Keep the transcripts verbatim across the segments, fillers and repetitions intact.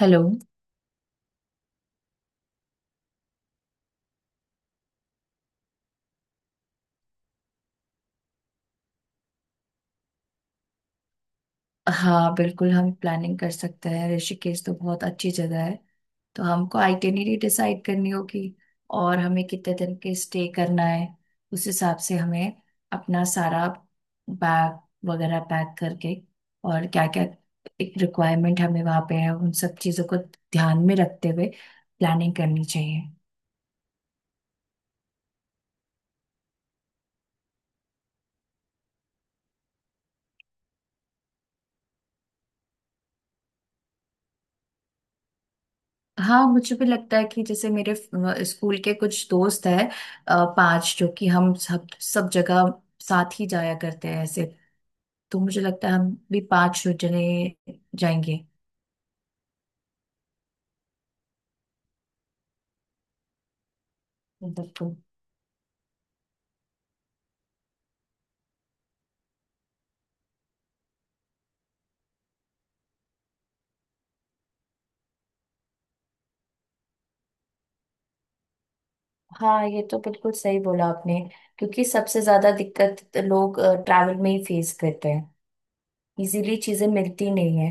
Hello. हाँ बिल्कुल हम प्लानिंग कर सकते हैं। ऋषिकेश तो बहुत अच्छी जगह है। तो हमको आइटिनरी डिसाइड करनी होगी। और हमें कितने दिन के स्टे करना है, उस हिसाब से हमें अपना सारा बैग वगैरह पैक करके, और क्या क्या एक रिक्वायरमेंट हमें वहाँ पे है, उन सब चीज़ों को ध्यान में रखते हुए प्लानिंग करनी चाहिए। हाँ मुझे भी लगता है कि जैसे मेरे फ- स्कूल के कुछ दोस्त हैं, अ, पांच, जो कि हम सब सब जगह साथ ही जाया करते हैं ऐसे। तो मुझे लगता है हम भी पांच जने जाएंगे। मतलब तो हाँ, ये तो बिल्कुल सही बोला आपने, क्योंकि सबसे ज्यादा दिक्कत लोग ट्रैवल में ही फेस करते हैं। इजीली चीजें मिलती नहीं है।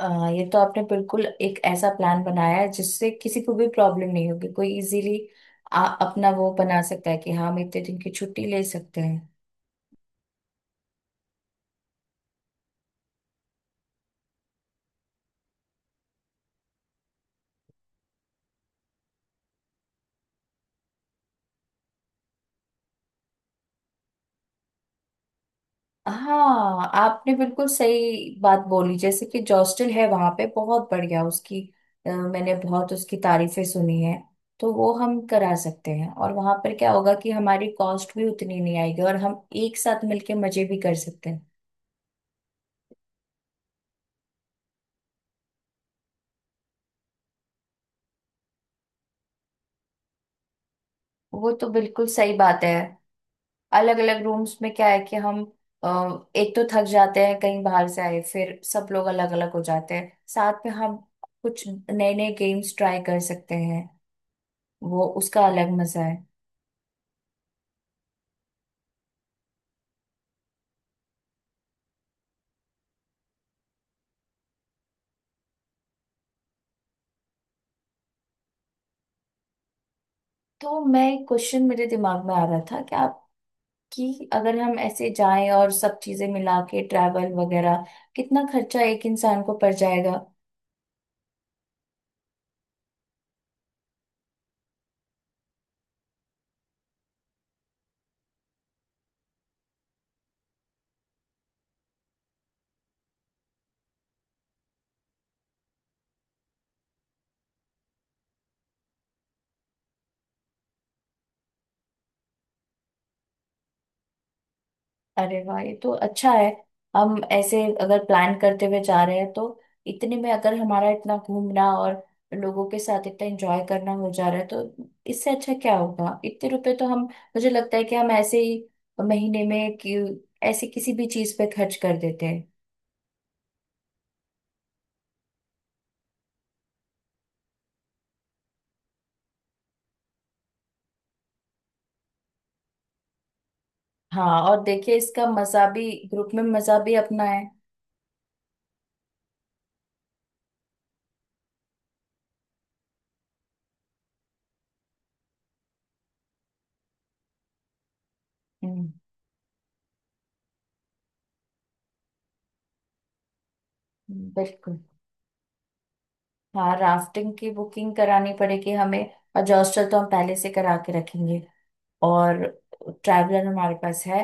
अ, ये तो आपने बिल्कुल एक ऐसा प्लान बनाया है जिससे किसी को भी प्रॉब्लम नहीं होगी, कोई इजीली आ, अपना वो बना सकता है कि हाँ हम इतने दिन की छुट्टी ले सकते हैं। हाँ आपने बिल्कुल सही बात बोली, जैसे कि जॉस्टल है वहां पे बहुत बढ़िया उसकी, अ, मैंने बहुत उसकी तारीफें सुनी है। तो वो हम करा सकते हैं, और वहां पर क्या होगा कि हमारी कॉस्ट भी उतनी नहीं आएगी और हम एक साथ मिलके मजे भी कर सकते हैं। वो तो बिल्कुल सही बात है। अलग अलग रूम्स में क्या है कि हम अ, एक तो थक जाते हैं कहीं बाहर से आए, फिर सब लोग अलग अलग हो जाते हैं। साथ में हम कुछ नए नए गेम्स ट्राई कर सकते हैं, वो उसका अलग मजा है। तो मैं एक क्वेश्चन मेरे दिमाग में आ रहा था कि आपकी, अगर हम ऐसे जाएं और सब चीजें मिला के ट्रैवल वगैरह कितना खर्चा एक इंसान को पड़ जाएगा। अरे वाह, ये तो अच्छा है। हम ऐसे अगर प्लान करते हुए जा रहे हैं तो इतने में अगर हमारा इतना घूमना और लोगों के साथ इतना एंजॉय करना हो जा रहा है, तो इससे अच्छा क्या होगा। इतने रुपए तो हम, मुझे लगता है कि हम ऐसे ही महीने में कि ऐसे किसी भी चीज पे खर्च कर देते हैं। हाँ और देखिए, इसका मजा भी ग्रुप में मजा भी अपना है। हम्म, बिल्कुल। हाँ राफ्टिंग की बुकिंग करानी पड़ेगी हमें, और हॉस्टल तो हम पहले से करा के रखेंगे, और ट्रैवलर हमारे पास है।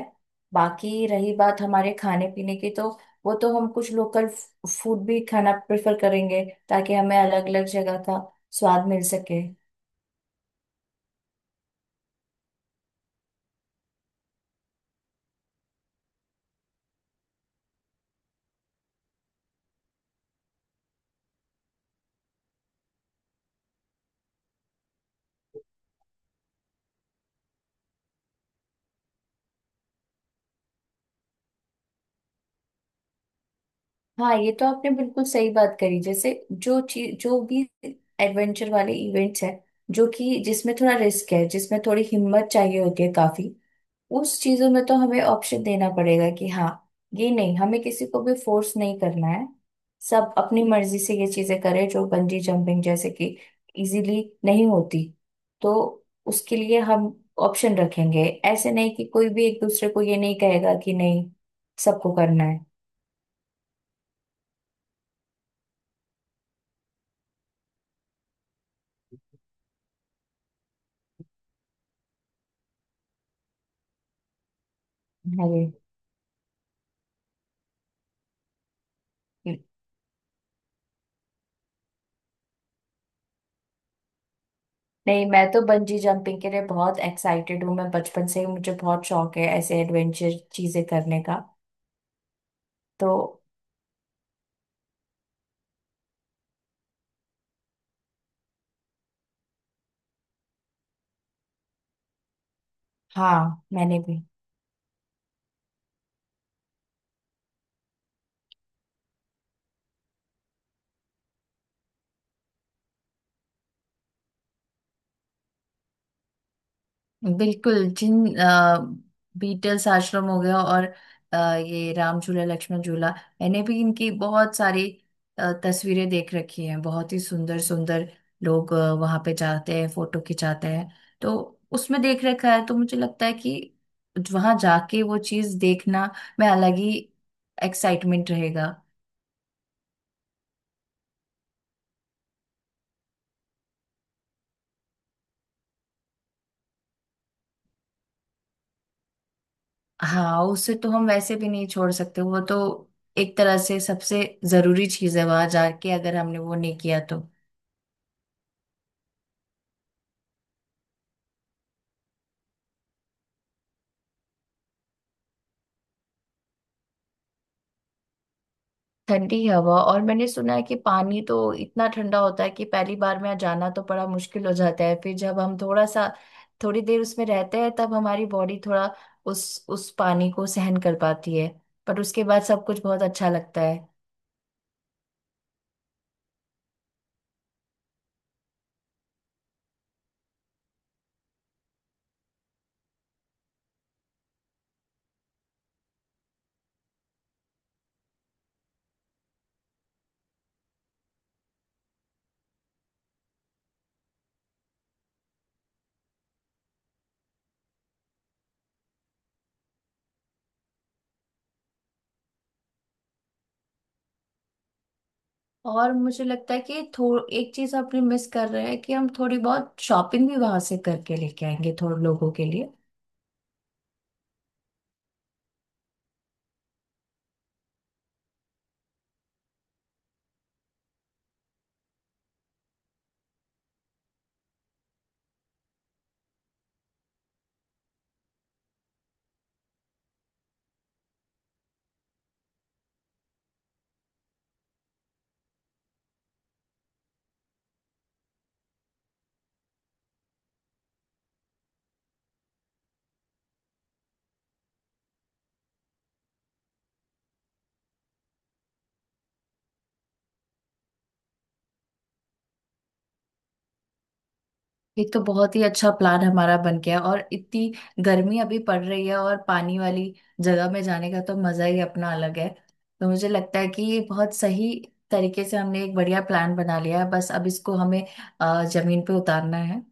बाकी रही बात हमारे खाने पीने की, तो वो तो हम कुछ लोकल फूड भी खाना प्रेफर करेंगे ताकि हमें अलग अलग जगह का स्वाद मिल सके। हाँ ये तो आपने बिल्कुल सही बात करी, जैसे जो चीज, जो भी एडवेंचर वाले इवेंट्स हैं जो कि जिसमें थोड़ा रिस्क है, जिसमें थोड़ी हिम्मत चाहिए होती है काफी, उस चीजों में तो हमें ऑप्शन देना पड़ेगा कि हाँ, ये नहीं, हमें किसी को भी फोर्स नहीं करना है। सब अपनी मर्जी से ये चीजें करें, जो बंजी जंपिंग जैसे कि इजीली नहीं होती, तो उसके लिए हम ऑप्शन रखेंगे। ऐसे नहीं कि कोई भी एक दूसरे को ये, नहीं कहेगा कि नहीं, सबको करना है। अरे नहीं, मैं तो बंजी जंपिंग के लिए बहुत एक्साइटेड हूँ। मैं बचपन से ही, मुझे बहुत शौक है ऐसे एडवेंचर चीजें करने का। तो हाँ मैंने भी। बिल्कुल, जिन आ, बीटल्स आश्रम हो गया और अ, ये राम झूला लक्ष्मण झूला, मैंने भी इनकी बहुत सारी अ, तस्वीरें देख रखी हैं। बहुत ही सुंदर सुंदर लोग अ, वहाँ पे जाते हैं, फोटो खिंचाते हैं। तो उसमें देख रखा है, तो मुझे लगता है कि वहाँ जाके वो चीज़ देखना में अलग ही एक्साइटमेंट रहेगा। हाँ उसे तो हम वैसे भी नहीं छोड़ सकते। वो तो एक तरह से सबसे जरूरी चीज़ है, वहाँ जाके अगर हमने वो नहीं किया तो। ठंडी हवा, और मैंने सुना है कि पानी तो इतना ठंडा होता है कि पहली बार में जाना तो बड़ा मुश्किल हो जाता है। फिर जब हम थोड़ा सा, थोड़ी देर उसमें रहते हैं, तब हमारी बॉडी थोड़ा उस उस पानी को सहन कर पाती है। पर उसके बाद सब कुछ बहुत अच्छा लगता है। और मुझे लगता है कि थो एक चीज आपने मिस कर रहे हैं कि हम थोड़ी बहुत शॉपिंग भी वहां से करके लेके आएंगे, थोड़े लोगों के लिए। ये तो बहुत ही अच्छा प्लान हमारा बन गया, और इतनी गर्मी अभी पड़ रही है, और पानी वाली जगह में जाने का तो मजा ही अपना अलग है। तो मुझे लगता है कि ये बहुत सही तरीके से हमने एक बढ़िया प्लान बना लिया है, बस अब इसको हमें अ, जमीन पे उतारना है।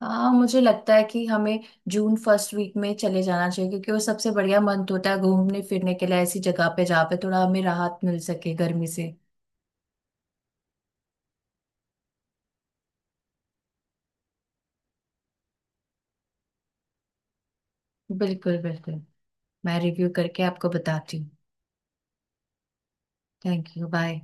हाँ मुझे लगता है कि हमें जून फर्स्ट वीक में चले जाना चाहिए, क्योंकि वो सबसे बढ़िया मंथ होता है घूमने फिरने के लिए, ऐसी जगह पे जहाँ पे थोड़ा हमें राहत मिल सके गर्मी से। बिल्कुल बिल्कुल। मैं रिव्यू करके आपको बताती हूँ। Thank you, bye.